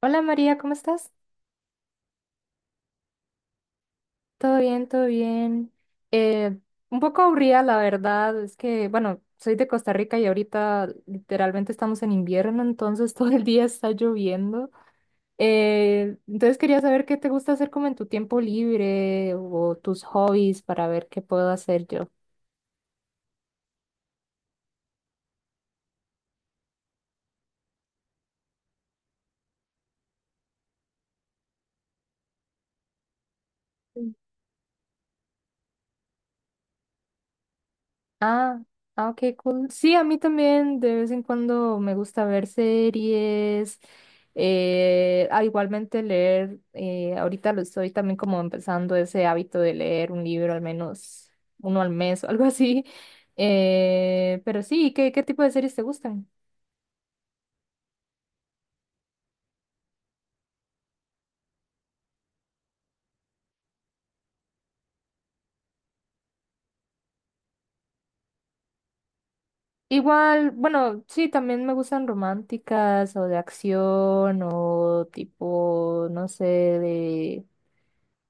Hola María, ¿cómo estás? Todo bien, todo bien. Eh, un poco aburrida, la verdad, es que, bueno, soy de Costa Rica y ahorita literalmente estamos en invierno, entonces todo el día está lloviendo. Entonces quería saber qué te gusta hacer como en tu tiempo libre o tus hobbies para ver qué puedo hacer yo. Ah, ah, ok, cool. Sí, a mí también de vez en cuando me gusta ver series, igualmente leer, ahorita lo estoy también como empezando ese hábito de leer un libro al menos uno al mes o algo así. Pero sí, ¿qué tipo de series te gustan? Igual, bueno, sí, también me gustan románticas o de acción o tipo, no sé, de...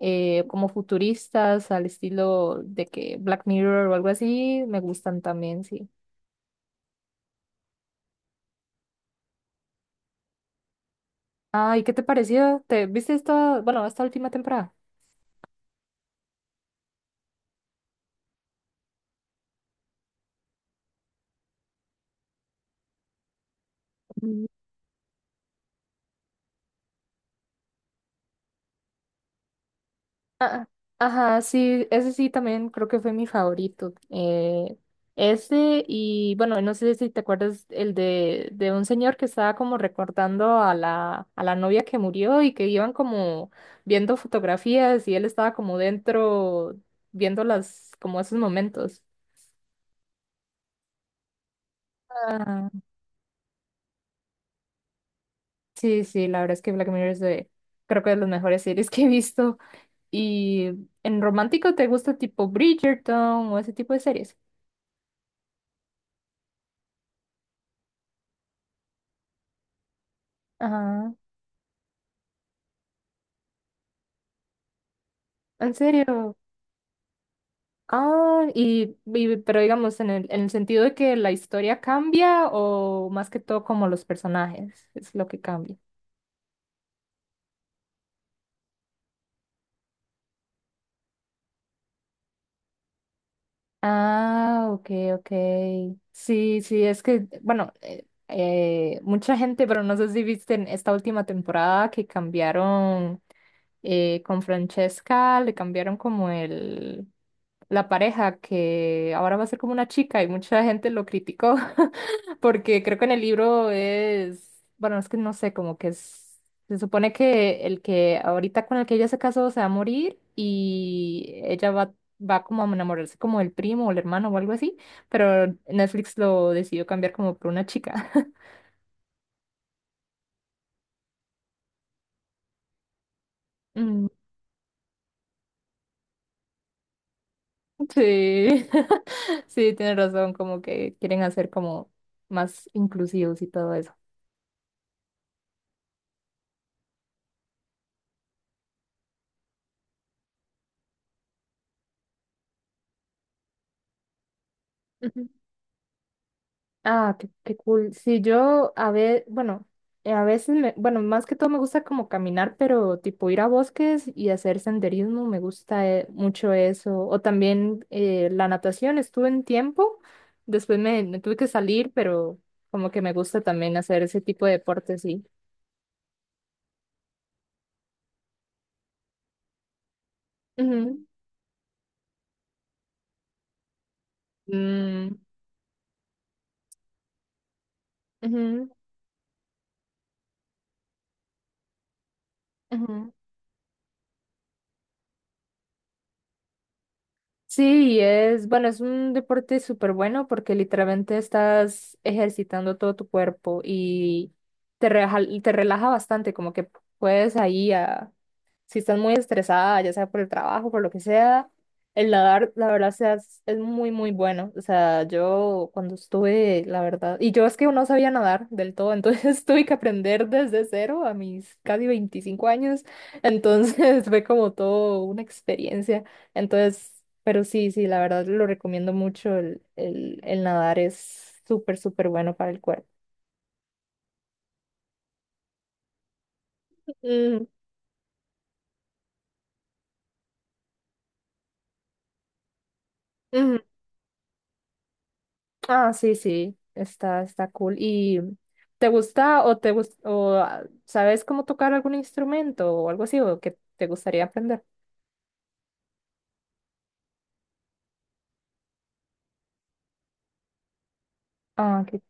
eh, como futuristas al estilo de que Black Mirror o algo así, me gustan también, sí. Ay, ¿qué te pareció? ¿Te viste esta, bueno, esta última temporada? Mm. Ah, ajá, sí, ese sí también creo que fue mi favorito. Ese y bueno, no sé si te acuerdas el de un señor que estaba como recordando a la novia que murió y que iban como viendo fotografías y él estaba como dentro viendo las, como esos momentos. Sí, sí, la verdad es que Black Mirror es de, creo que de las mejores series que he visto. Y en romántico te gusta tipo Bridgerton o ese tipo de series. Ajá. ¿En serio? Ah, pero digamos, en el sentido de que la historia cambia o más que todo como los personajes es lo que cambia. Ah, ok, ok. Sí, sí, es que, bueno, mucha gente, pero no sé si viste en esta última temporada que cambiaron. Con Francesca le cambiaron como la pareja, que ahora va a ser como una chica y mucha gente lo criticó, porque creo que en el libro es, bueno, es que no sé, como que es, se supone que el que ahorita con el que ella se casó se va a morir y ella va como a enamorarse como el primo o el hermano o algo así, pero Netflix lo decidió cambiar como por una chica. Mm. Sí, sí, tienes razón, como que quieren hacer como más inclusivos y todo eso. Ujú. Ah, qué cool. Sí, yo a ver, bueno, a veces me, bueno, más que todo me gusta como caminar, pero tipo ir a bosques y hacer senderismo, me gusta mucho eso. O también la natación, estuve en tiempo, después me tuve que salir, pero como que me gusta también hacer ese tipo de deportes, sí. Ujú, mm, ujú, ujú. Sí, es, bueno, es un deporte súper bueno porque literalmente estás ejercitando todo tu cuerpo y te relaja bastante, como que puedes ahí a, si estás muy estresada, ya sea por el trabajo, por lo que sea, el nadar, la verdad, sea, es muy, muy bueno. O sea, yo cuando estuve, la verdad, y yo es que no sabía nadar del todo, entonces tuve que aprender desde cero a mis casi 25 años, entonces fue como todo una experiencia. Entonces, pero sí, sí, la verdad lo recomiendo mucho, el nadar es súper, súper bueno para el cuerpo. Mm, ujú. Ah, sí, sí, está cool. ¿Y te gusta o te gus- o ah, sabes cómo tocar algún instrumento o algo así o que te gustaría aprender? Ah, ok.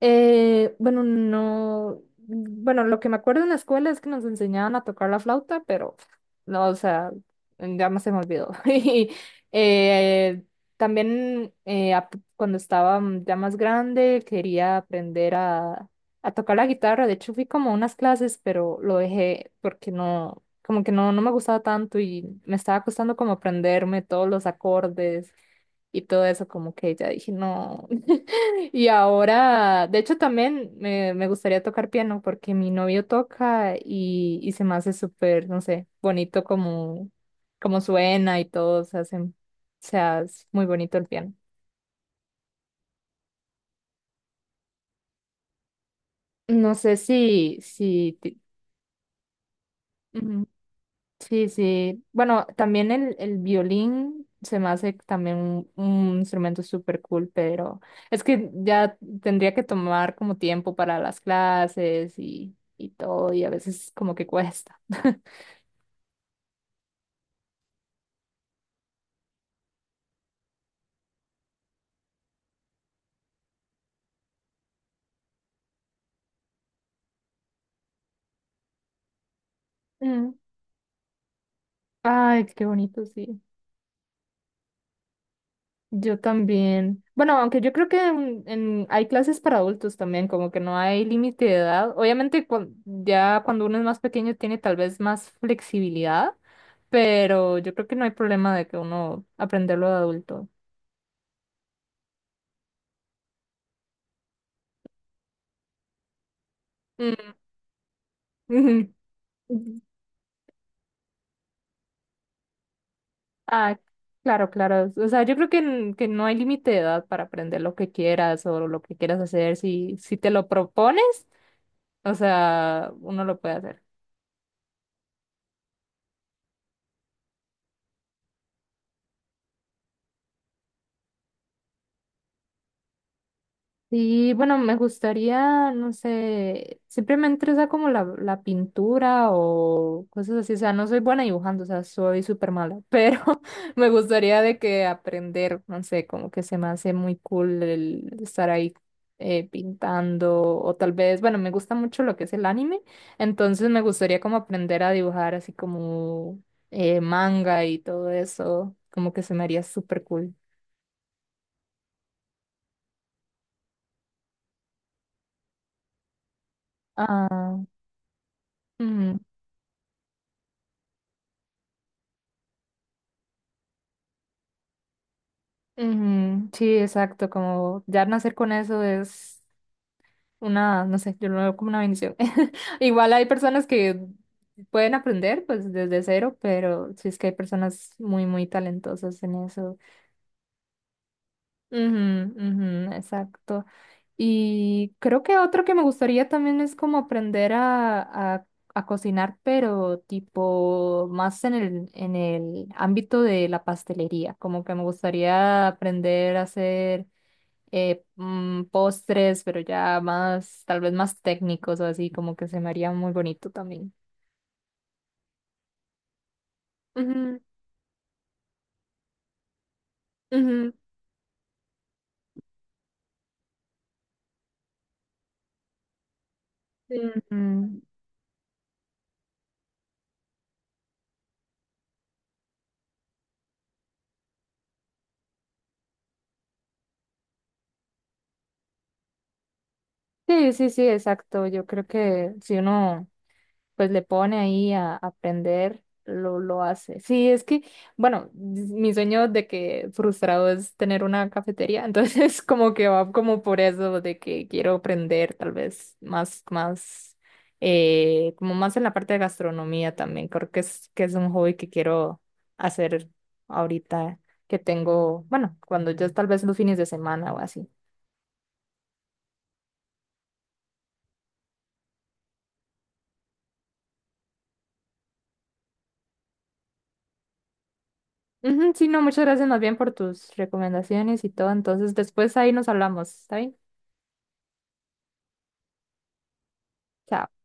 Bueno, no, bueno, lo que me acuerdo en la escuela es que nos enseñaban a tocar la flauta, pero no, o sea, ya más se me olvidó. Y eh, también cuando estaba ya más grande quería aprender a tocar la guitarra. De hecho, fui como a unas clases, pero lo dejé porque no, como que no me gustaba tanto y me estaba costando como aprenderme todos los acordes y todo eso, como que ya dije, no. Y ahora, de hecho, también me gustaría tocar piano porque mi novio toca y se me hace súper, no sé, bonito como, como suena y todo, se hace, o sea, es muy bonito el piano. No sé si. Sí, sí. Bueno, también el violín se me hace también un instrumento súper cool, pero es que ya tendría que tomar como tiempo para las clases y todo, y a veces como que cuesta. Mm. Ay, qué bonito, sí. Yo también. Bueno, aunque yo creo que hay clases para adultos también, como que no hay límite de edad. Obviamente, ya cuando uno es más pequeño tiene tal vez más flexibilidad. Pero yo creo que no hay problema de que uno aprenderlo de adulto. Mm, ujú. Ah, claro, claro. O sea, yo creo que, que no hay límite de edad para aprender lo que quieras o lo que quieras hacer. Si te lo propones, o sea, uno lo puede hacer. Sí, bueno, me gustaría, no sé, siempre me interesa como la pintura o cosas así, o sea, no soy buena dibujando, o sea, soy súper mala, pero me gustaría de que aprender, no sé, como que se me hace muy cool el estar ahí pintando o tal vez, bueno, me gusta mucho lo que es el anime, entonces me gustaría como aprender a dibujar así como manga y todo eso, como que se me haría súper cool. Ah. Ujú, sí, exacto, como ya nacer con eso es una, no sé, yo lo veo como una bendición. Igual hay personas que pueden aprender pues desde cero, pero sí es que hay personas muy, muy talentosas en eso. Ujú, ujú, exacto. Y creo que otro que me gustaría también es como aprender a, a cocinar, pero tipo más en el ámbito de la pastelería, como que me gustaría aprender a hacer postres, pero ya más, tal vez más técnicos o así, como que se me haría muy bonito también. Ujú, ujú, sí. Ujú. Sí, sí, sí, exacto. Yo creo que si uno pues le pone ahí a aprender, lo hace. Sí, es que, bueno, mi sueño de que frustrado es tener una cafetería, entonces como que va como por eso de que quiero aprender tal vez más, como más en la parte de gastronomía también. Creo que es un hobby que quiero hacer ahorita que tengo, bueno, cuando yo tal vez los fines de semana o así. Ujú, sí, no, muchas gracias más bien por tus recomendaciones y todo. Entonces, después ahí nos hablamos, ¿está bien? Chao.